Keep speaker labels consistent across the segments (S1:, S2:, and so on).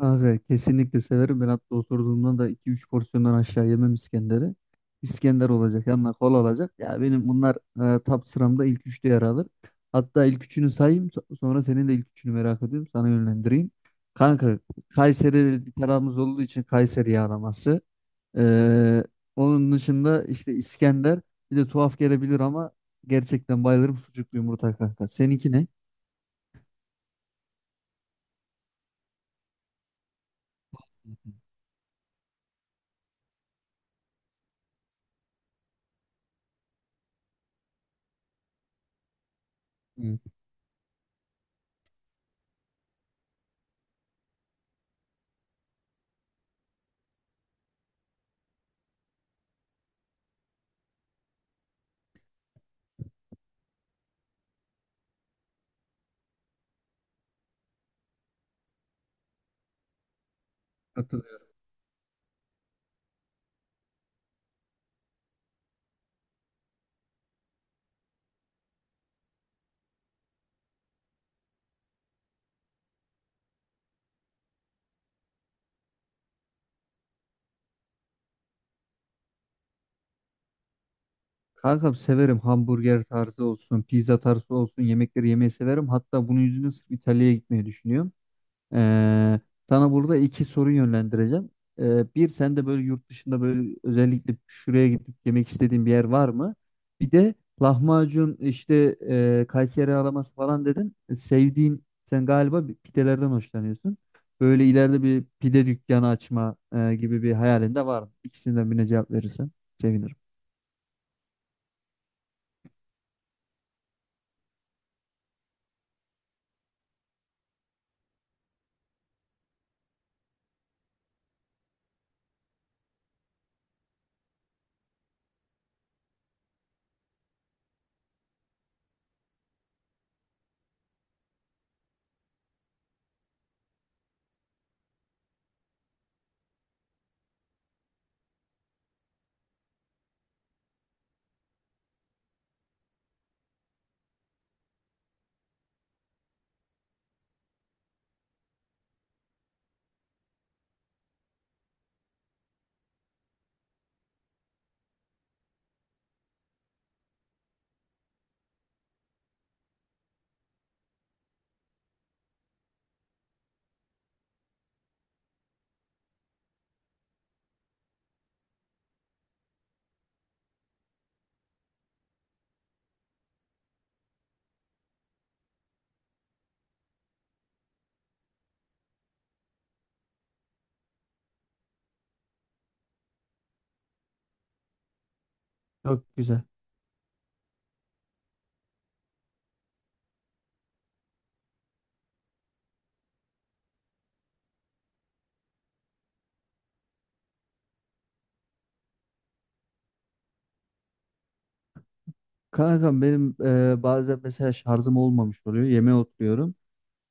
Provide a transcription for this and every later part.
S1: Abi kesinlikle severim. Ben hatta oturduğumda da iki üç porsiyondan aşağı yemem İskender'i. İskender olacak, yanına kola olacak. Ya benim bunlar top sıramda ilk üçte yer alır. Hatta ilk üçünü sayayım, sonra senin de ilk üçünü merak ediyorum. Sana yönlendireyim. Kanka, Kayseri bir tarafımız olduğu için Kayseri yağlaması. Ee, Onun dışında işte İskender. Bir de tuhaf gelebilir ama gerçekten bayılırım sucuklu yumurta kanka. Seninki ne? Hı. Kankam severim hamburger tarzı olsun, pizza tarzı olsun yemekleri yemeyi severim. Hatta bunun yüzünden sırf İtalya'ya gitmeyi düşünüyorum. Ee, Sana burada iki soru yönlendireceğim. Bir sen de böyle yurt dışında böyle özellikle şuraya gidip yemek istediğin bir yer var mı? Bir de lahmacun işte Kayseri araması falan dedin. E, Sevdiğin sen galiba bir pidelerden hoşlanıyorsun. Böyle ileride bir pide dükkanı açma gibi bir hayalin de var mı? İkisinden birine cevap verirsen sevinirim. Çok güzel. Kanka benim bazen mesela şarjım olmamış oluyor. Yemeğe oturuyorum.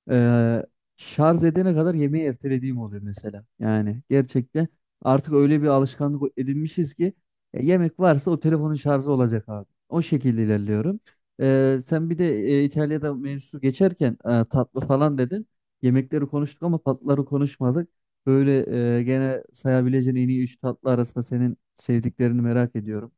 S1: Ee, Şarj edene kadar yemeği ertelediğim oluyor mesela. Yani gerçekten artık öyle bir alışkanlık edinmişiz ki yemek varsa o telefonun şarjı olacak abi. O şekilde ilerliyorum. Sen bir de İtalya'da mevzusu geçerken tatlı falan dedin. Yemekleri konuştuk ama tatlıları konuşmadık. Böyle gene sayabileceğin en iyi 3 tatlı arasında senin sevdiklerini merak ediyorum.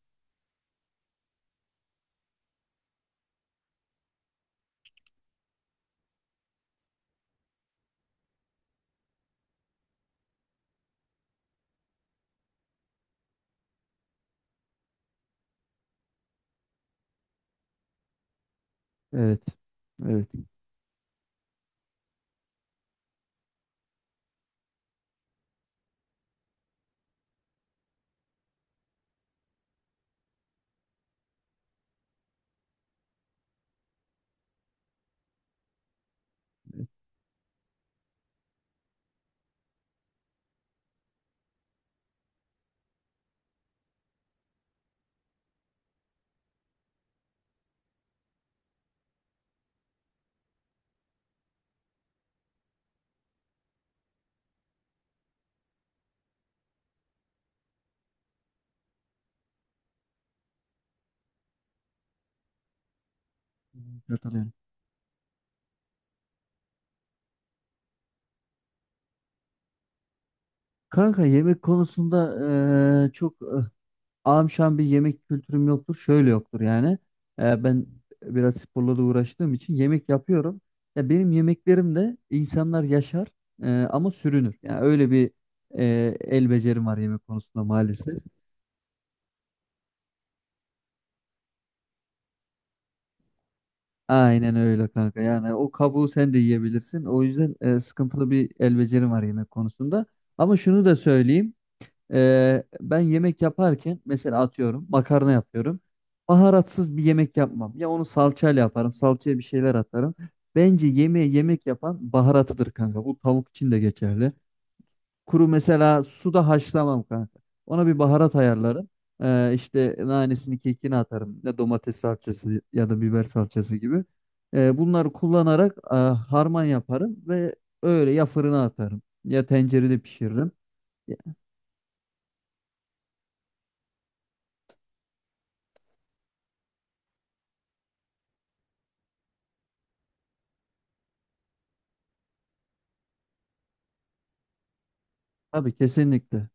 S1: Evet. Evet. Katılıyorum. Kanka yemek konusunda eee, çok eh, Ağam şu an bir yemek kültürüm yoktur. Şöyle yoktur yani. Ben biraz sporla da uğraştığım için yemek yapıyorum. Ya benim yemeklerim de insanlar yaşar ama sürünür. Yani öyle bir e, el becerim var yemek konusunda maalesef. Aynen öyle kanka. Yani o kabuğu sen de yiyebilirsin. O yüzden sıkıntılı bir el becerim var yemek konusunda. Ama şunu da söyleyeyim. Ben yemek yaparken mesela atıyorum makarna yapıyorum. Baharatsız bir yemek yapmam. Ya onu salçayla yaparım. Salçaya bir şeyler atarım. Bence yemeğe yemek yapan baharatıdır kanka. Bu tavuk için de geçerli. Kuru mesela suda haşlamam kanka. Ona bir baharat ayarlarım. İşte nanesini kekini atarım. Ya domates salçası ya da biber salçası gibi. Bunları kullanarak harman yaparım ve öyle ya fırına atarım ya tencerede pişiririm. Ya- Tabii kesinlikle.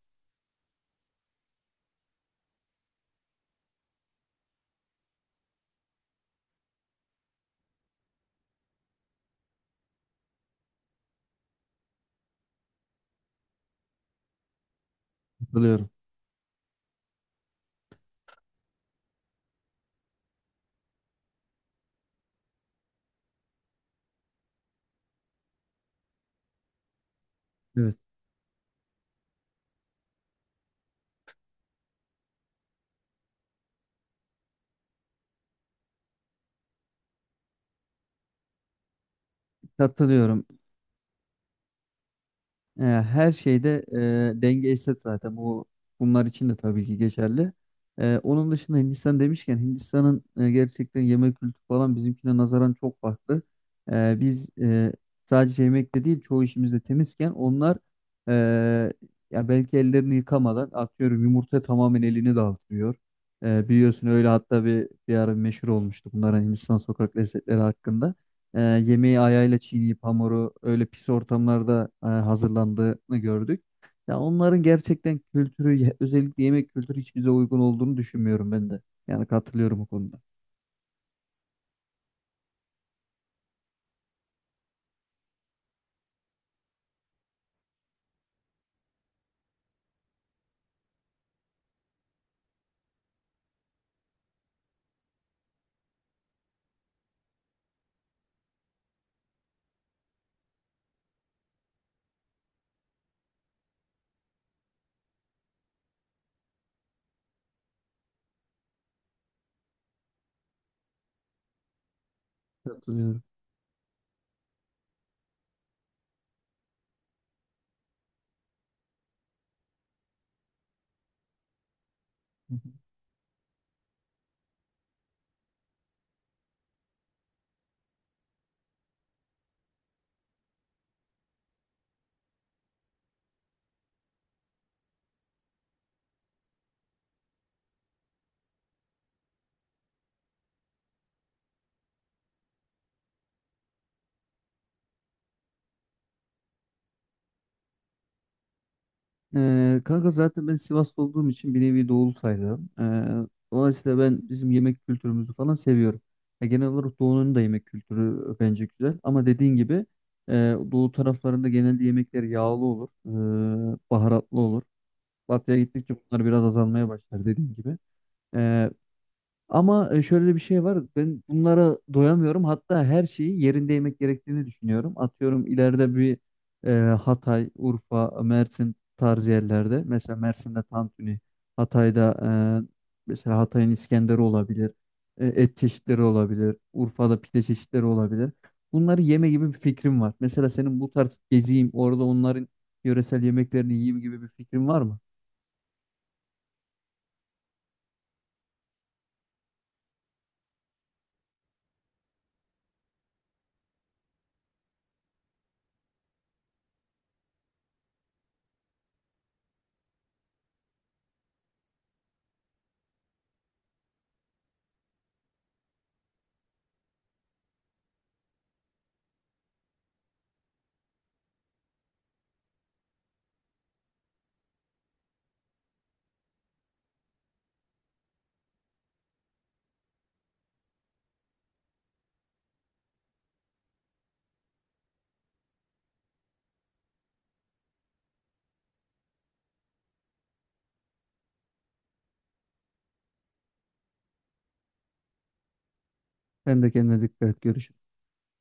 S1: Katılıyorum. Evet. Katılıyorum. Her şeyde denge eşit zaten. Bunlar için de tabii ki geçerli. Onun dışında Hindistan demişken Hindistan'ın gerçekten yemek kültürü falan bizimkine nazaran çok farklı. Biz sadece yemekte değil çoğu işimizde temizken onlar e, ya belki ellerini yıkamadan atıyorum yumurta tamamen elini dağıtıyor. Biliyorsun öyle hatta bir ara meşhur olmuştu bunların Hindistan sokak lezzetleri hakkında. E, yemeği ayağıyla çiğneyip hamuru öyle pis ortamlarda hazırlandığını gördük. Ya onların gerçekten kültürü özellikle yemek kültürü hiç bize uygun olduğunu düşünmüyorum ben de. Yani katılıyorum o konuda. Katılıyorum. Hı hı. E, kanka zaten ben Sivaslı olduğum için bir nevi doğulu sayılırım. E, dolayısıyla ben bizim yemek kültürümüzü falan seviyorum. Ya genel olarak doğunun da yemek kültürü bence güzel. Ama dediğin gibi e, doğu taraflarında genelde yemekler yağlı olur, baharatlı olur. Batıya gittikçe bunlar biraz azalmaya başlar dediğin gibi. Ee, Ama şöyle bir şey var. Ben bunlara doyamıyorum. Hatta her şeyi yerinde yemek gerektiğini düşünüyorum. Atıyorum ileride bir Hatay, Urfa, Mersin tarzı yerlerde. Mesela Mersin'de tantuni, Hatay'da mesela Hatay'ın İskender'i olabilir. E, et çeşitleri olabilir. Urfa'da pide çeşitleri olabilir. Bunları yeme gibi bir fikrim var. Mesela senin bu tarz geziyim, orada onların yöresel yemeklerini yiyeyim gibi bir fikrin var mı? Sen de kendine dikkat et. Görüşürüz.